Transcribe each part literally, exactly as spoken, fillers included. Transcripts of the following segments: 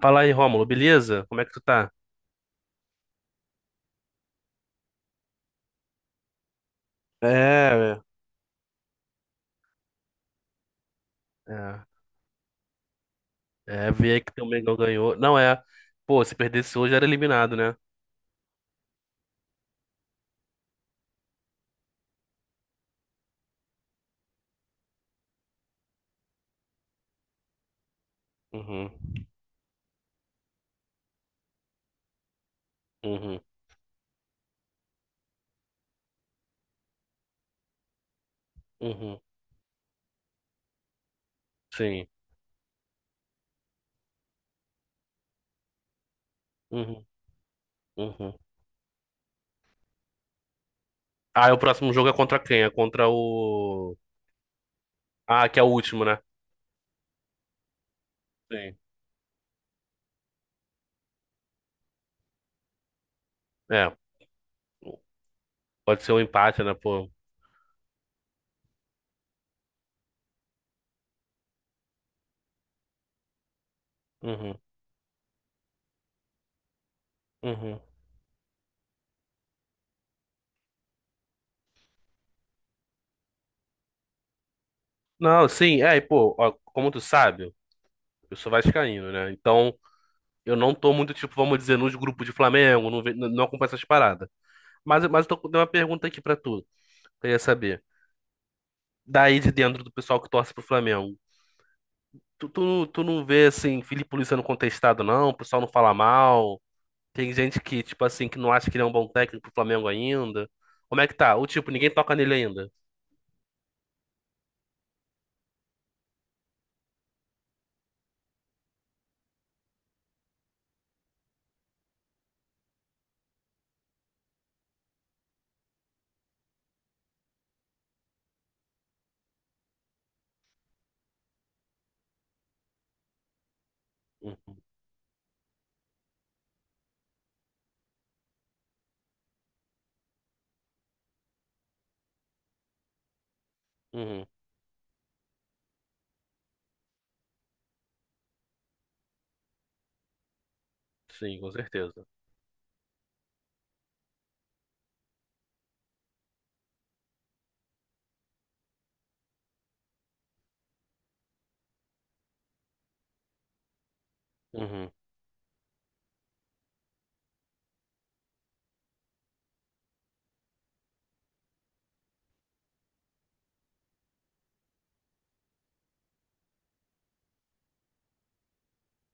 Fala aí, Rômulo, beleza? Como é que tu tá? É, é. É, é ver aí que teu Mengão ganhou. Não é. Pô, se perdesse hoje era eliminado, né? Uhum. Uhum. Uhum. Sim. Uhum. Uhum. Ah, e o próximo jogo é contra quem? É contra o. Ah, que é o último, né? Sim. É. Pode ser um empate, né, pô? Uhum. Uhum. Não, sim, é, e pô, ó, como tu sabe, eu sou vascaíno, né? Então, eu não tô muito, tipo, vamos dizer, nos grupos de Flamengo, não, ve- não acompanho essas paradas. Mas, mas eu tô com uma pergunta aqui pra tu, que eu ia saber. Daí de dentro do pessoal que torce pro Flamengo, tu, tu, tu não vê, assim, Felipe Luiz sendo contestado, não? O pessoal não fala mal? Tem gente que, tipo assim, que não acha que ele é um bom técnico pro Flamengo ainda? Como é que tá? Ou, tipo, ninguém toca nele ainda? Uhum, uhum. Sim, com certeza. Uhum,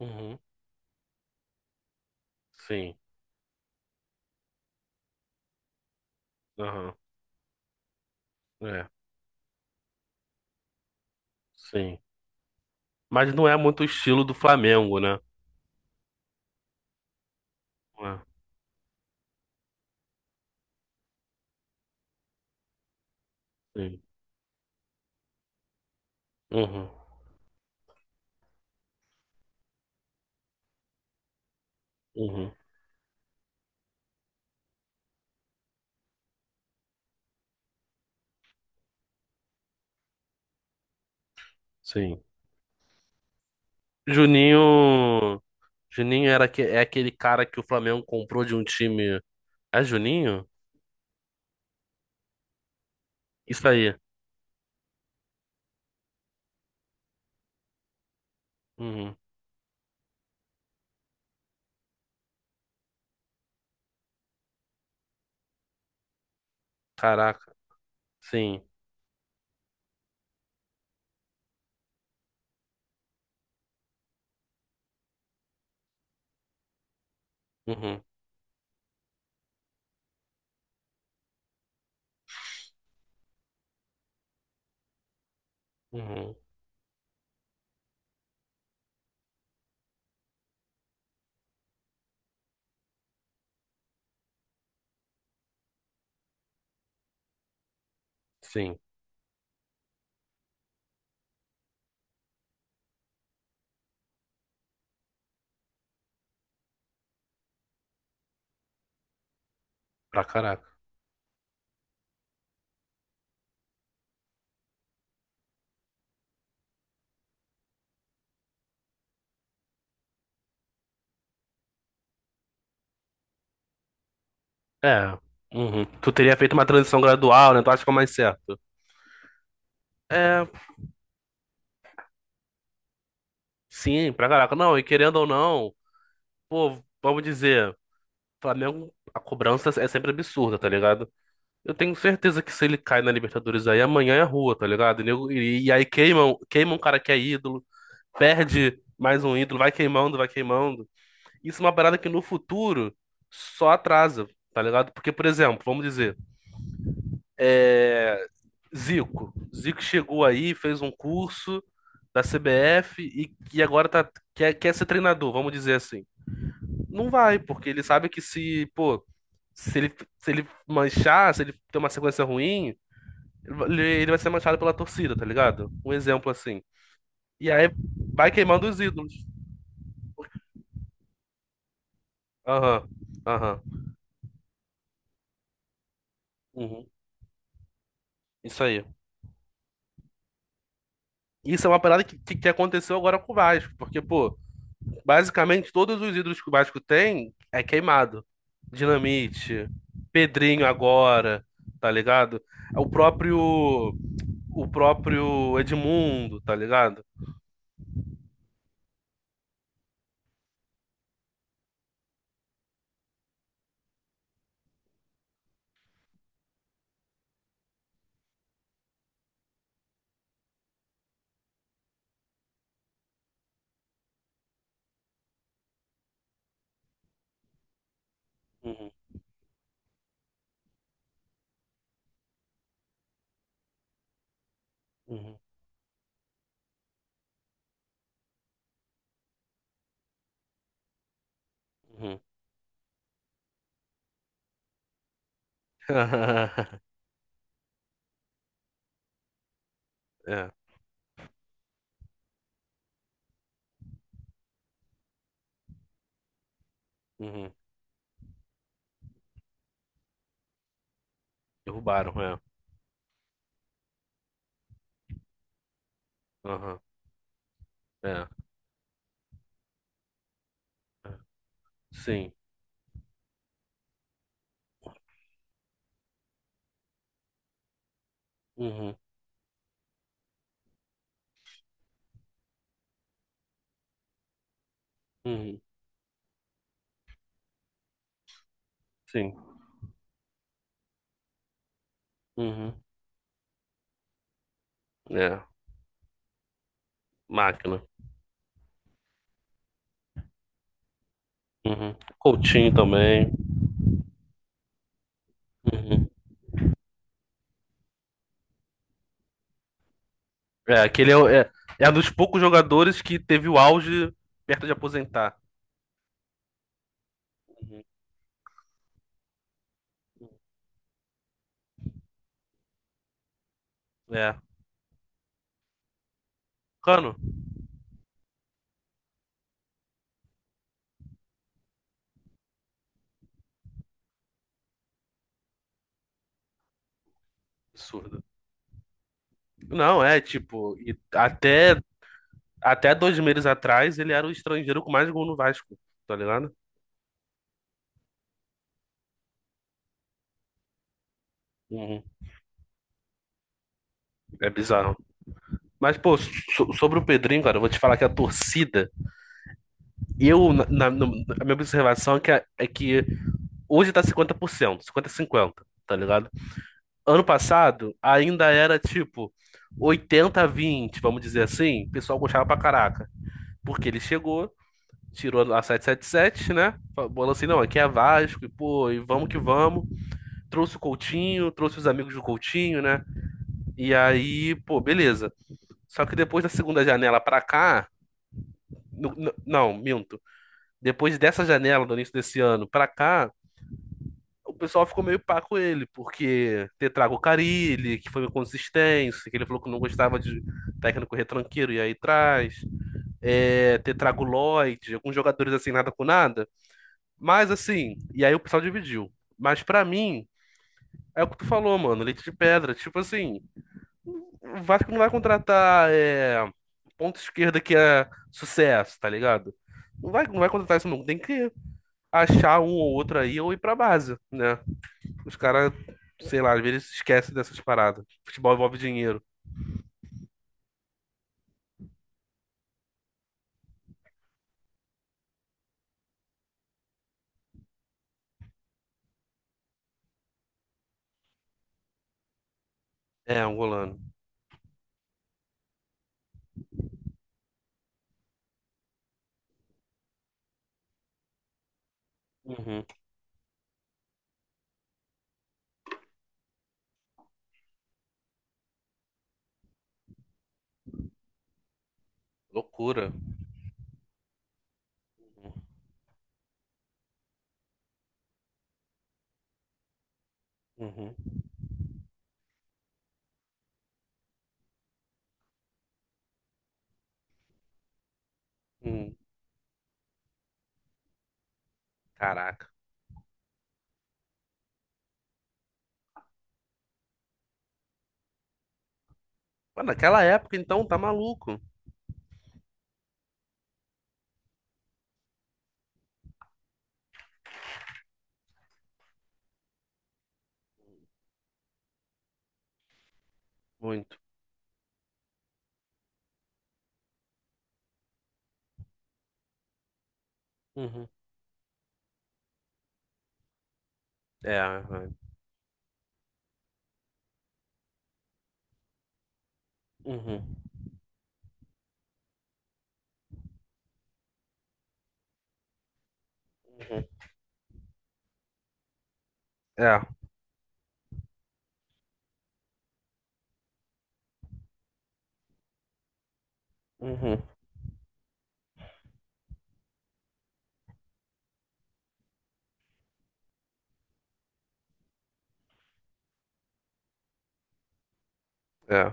uhum. Sim, aham, é, sim. Mas não é muito o estilo do Flamengo, né? Sim. Uhum. Uhum. Sim. Juninho. Juninho era aque- é aquele cara que o Flamengo comprou de um time. É Juninho? Isso aí. Uhum. Caraca. Sim. Uhum. Uhum. Sim. Pra caraca. É. Uhum. Tu teria feito uma transição gradual, né? Tu acha que é o mais certo? É. Sim, pra caraca. Não, e querendo ou não, pô, vamos dizer, Flamengo, a cobrança é sempre absurda, tá ligado? Eu tenho certeza que se ele cai na Libertadores aí, amanhã é rua, tá ligado? E, nego- e- e aí queimam, queimam um cara que é ídolo, perde mais um ídolo, vai queimando, vai queimando. Isso é uma parada que no futuro só atrasa, tá ligado? Porque, por exemplo, vamos dizer, é, Zico. Zico chegou aí, fez um curso da C B F e, e agora tá, quer, quer ser treinador, vamos dizer assim. Não vai, porque ele sabe que se, pô, se ele, se ele manchar, se ele ter uma sequência ruim. Ele, ele vai ser manchado pela torcida, tá ligado? Um exemplo assim. E aí vai queimando os ídolos. Aham, aham, uhum. Isso aí. Isso é uma parada que, que, que aconteceu agora com o Vasco, porque, pô, basicamente todos os ídolos que o Vasco tem é queimado. Dinamite, Pedrinho agora, tá ligado? É O próprio, o próprio Edmundo, tá ligado? Uhum, uhum, uhum. É, uhum. Derrubaram, é. Aham, é. É. Sim. Uhum. Uhum. Sim. Uhum. É. Máquina. Uhum. Coutinho também. Uhum. É, aquele é, o- é é um dos poucos jogadores que teve o auge perto de aposentar. Uhum. É. Cano. Absurdo. Não, é, tipo, e até, até dois meses atrás ele era o estrangeiro com mais gol no Vasco, tá ligado? Uhum. É bizarro. Mas, pô, so- sobre o Pedrinho, cara, eu vou te falar que a torcida, eu, na, na, no- a minha observação é que, a- é que hoje tá cinquenta por cento, 50 cinquenta, a cinquenta, tá ligado? Ano passado ainda era tipo oitenta vinte, vamos dizer assim. O pessoal gostava pra caraca. Porque ele chegou, tirou a sete sete sete, né? Falou assim: não, aqui é Vasco, e pô, e vamos que vamos. Trouxe o Coutinho, trouxe os amigos do Coutinho, né? E aí, pô, beleza. Só que depois da segunda janela pra cá. no- no- Não, minto. Depois dessa janela, do início desse ano pra cá, o pessoal ficou meio pá com ele, porque ter trago o Carille, que foi uma consistência, que ele falou que não gostava de técnico retranqueiro, e aí traz. É, ter trago o Lloyd, alguns jogadores assim, nada com nada. Mas assim, e aí o pessoal dividiu. Mas pra mim, é o que tu falou, mano, leite de pedra. Tipo assim, o Vasco não vai contratar é, ponta esquerda que é sucesso, tá ligado? Não vai, não vai contratar isso, não. Tem que achar um ou outro aí ou ir pra base, né? Os caras, sei lá, às vezes se esquecem dessas paradas. Futebol envolve dinheiro. É, angolano. Uhum. Loucura. Uhum. Uhum. Caraca. Mas naquela época, então, tá maluco. Muito. Uhum. É. é. Uhum. Uhum. É. Uhum. É.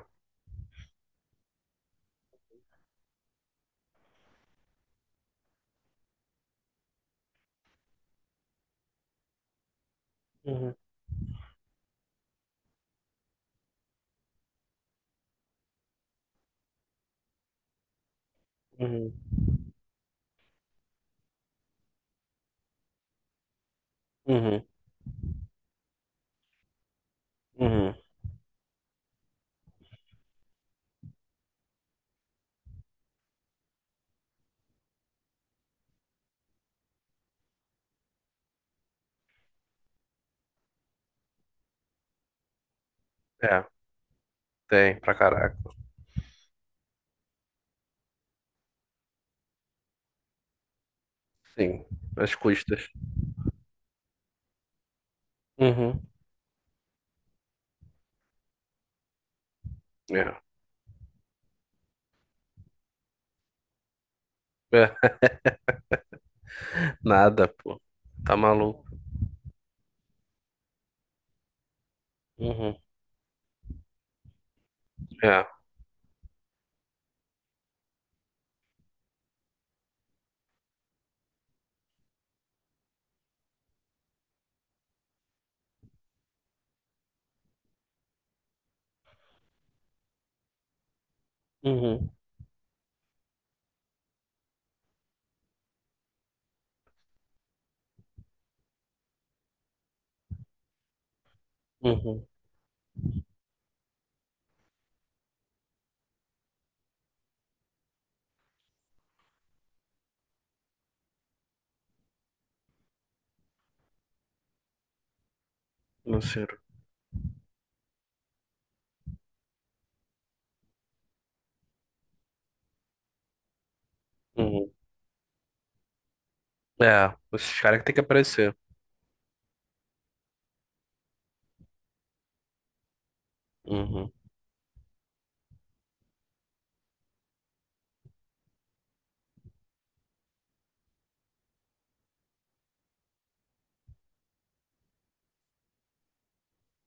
Uhum. Uhum. Uhum. Uhum. É. Tem, pra caraca. Sim. As custas. Uhum. É. É. Nada, pô. Tá maluco. Uhum. É. Uhum. Uhum. Não sei. Uhum. É, esses caras que tem que aparecer. Uhum.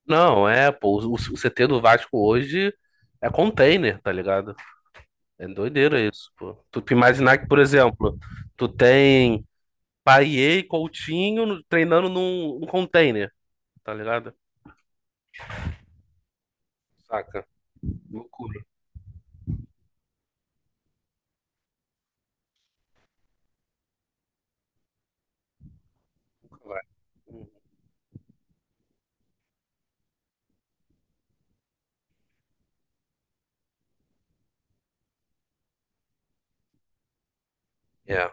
Não, é, pô, o, o C T do Vasco hoje é container, tá ligado? É doideira isso, pô. Tu te imaginar que, por exemplo, tu tem Paier, e Coutinho no- treinando num, num container, tá ligado? Saca? Loucura. Vai. Uhum. É,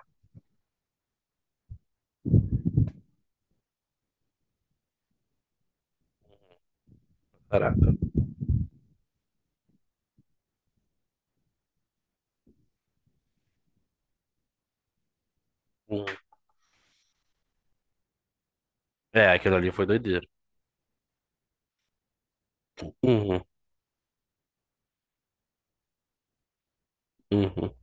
barato. Uhum. É, aquilo ali foi doideira. Uhum. Uhum.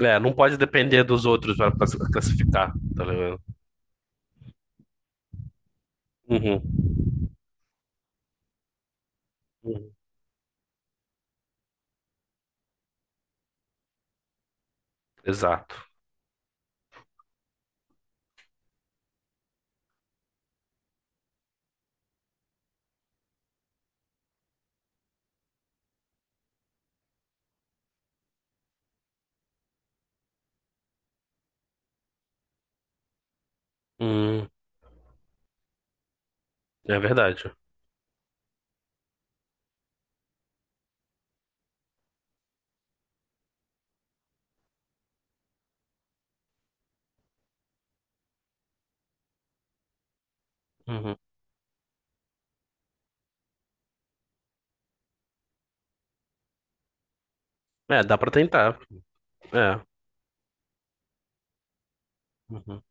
É, não pode depender dos outros pra pra classificar, tá ligado? Uhum. Uhum. Exato. Uhum. É verdade. Uhum. É, dá pra tentar. É. Uhum.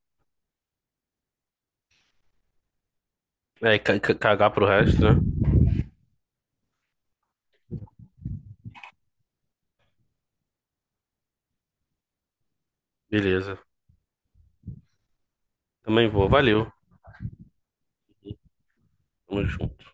É, e ca- ca- cagar pro resto, né? Beleza. Também vou. Valeu. Tamo junto.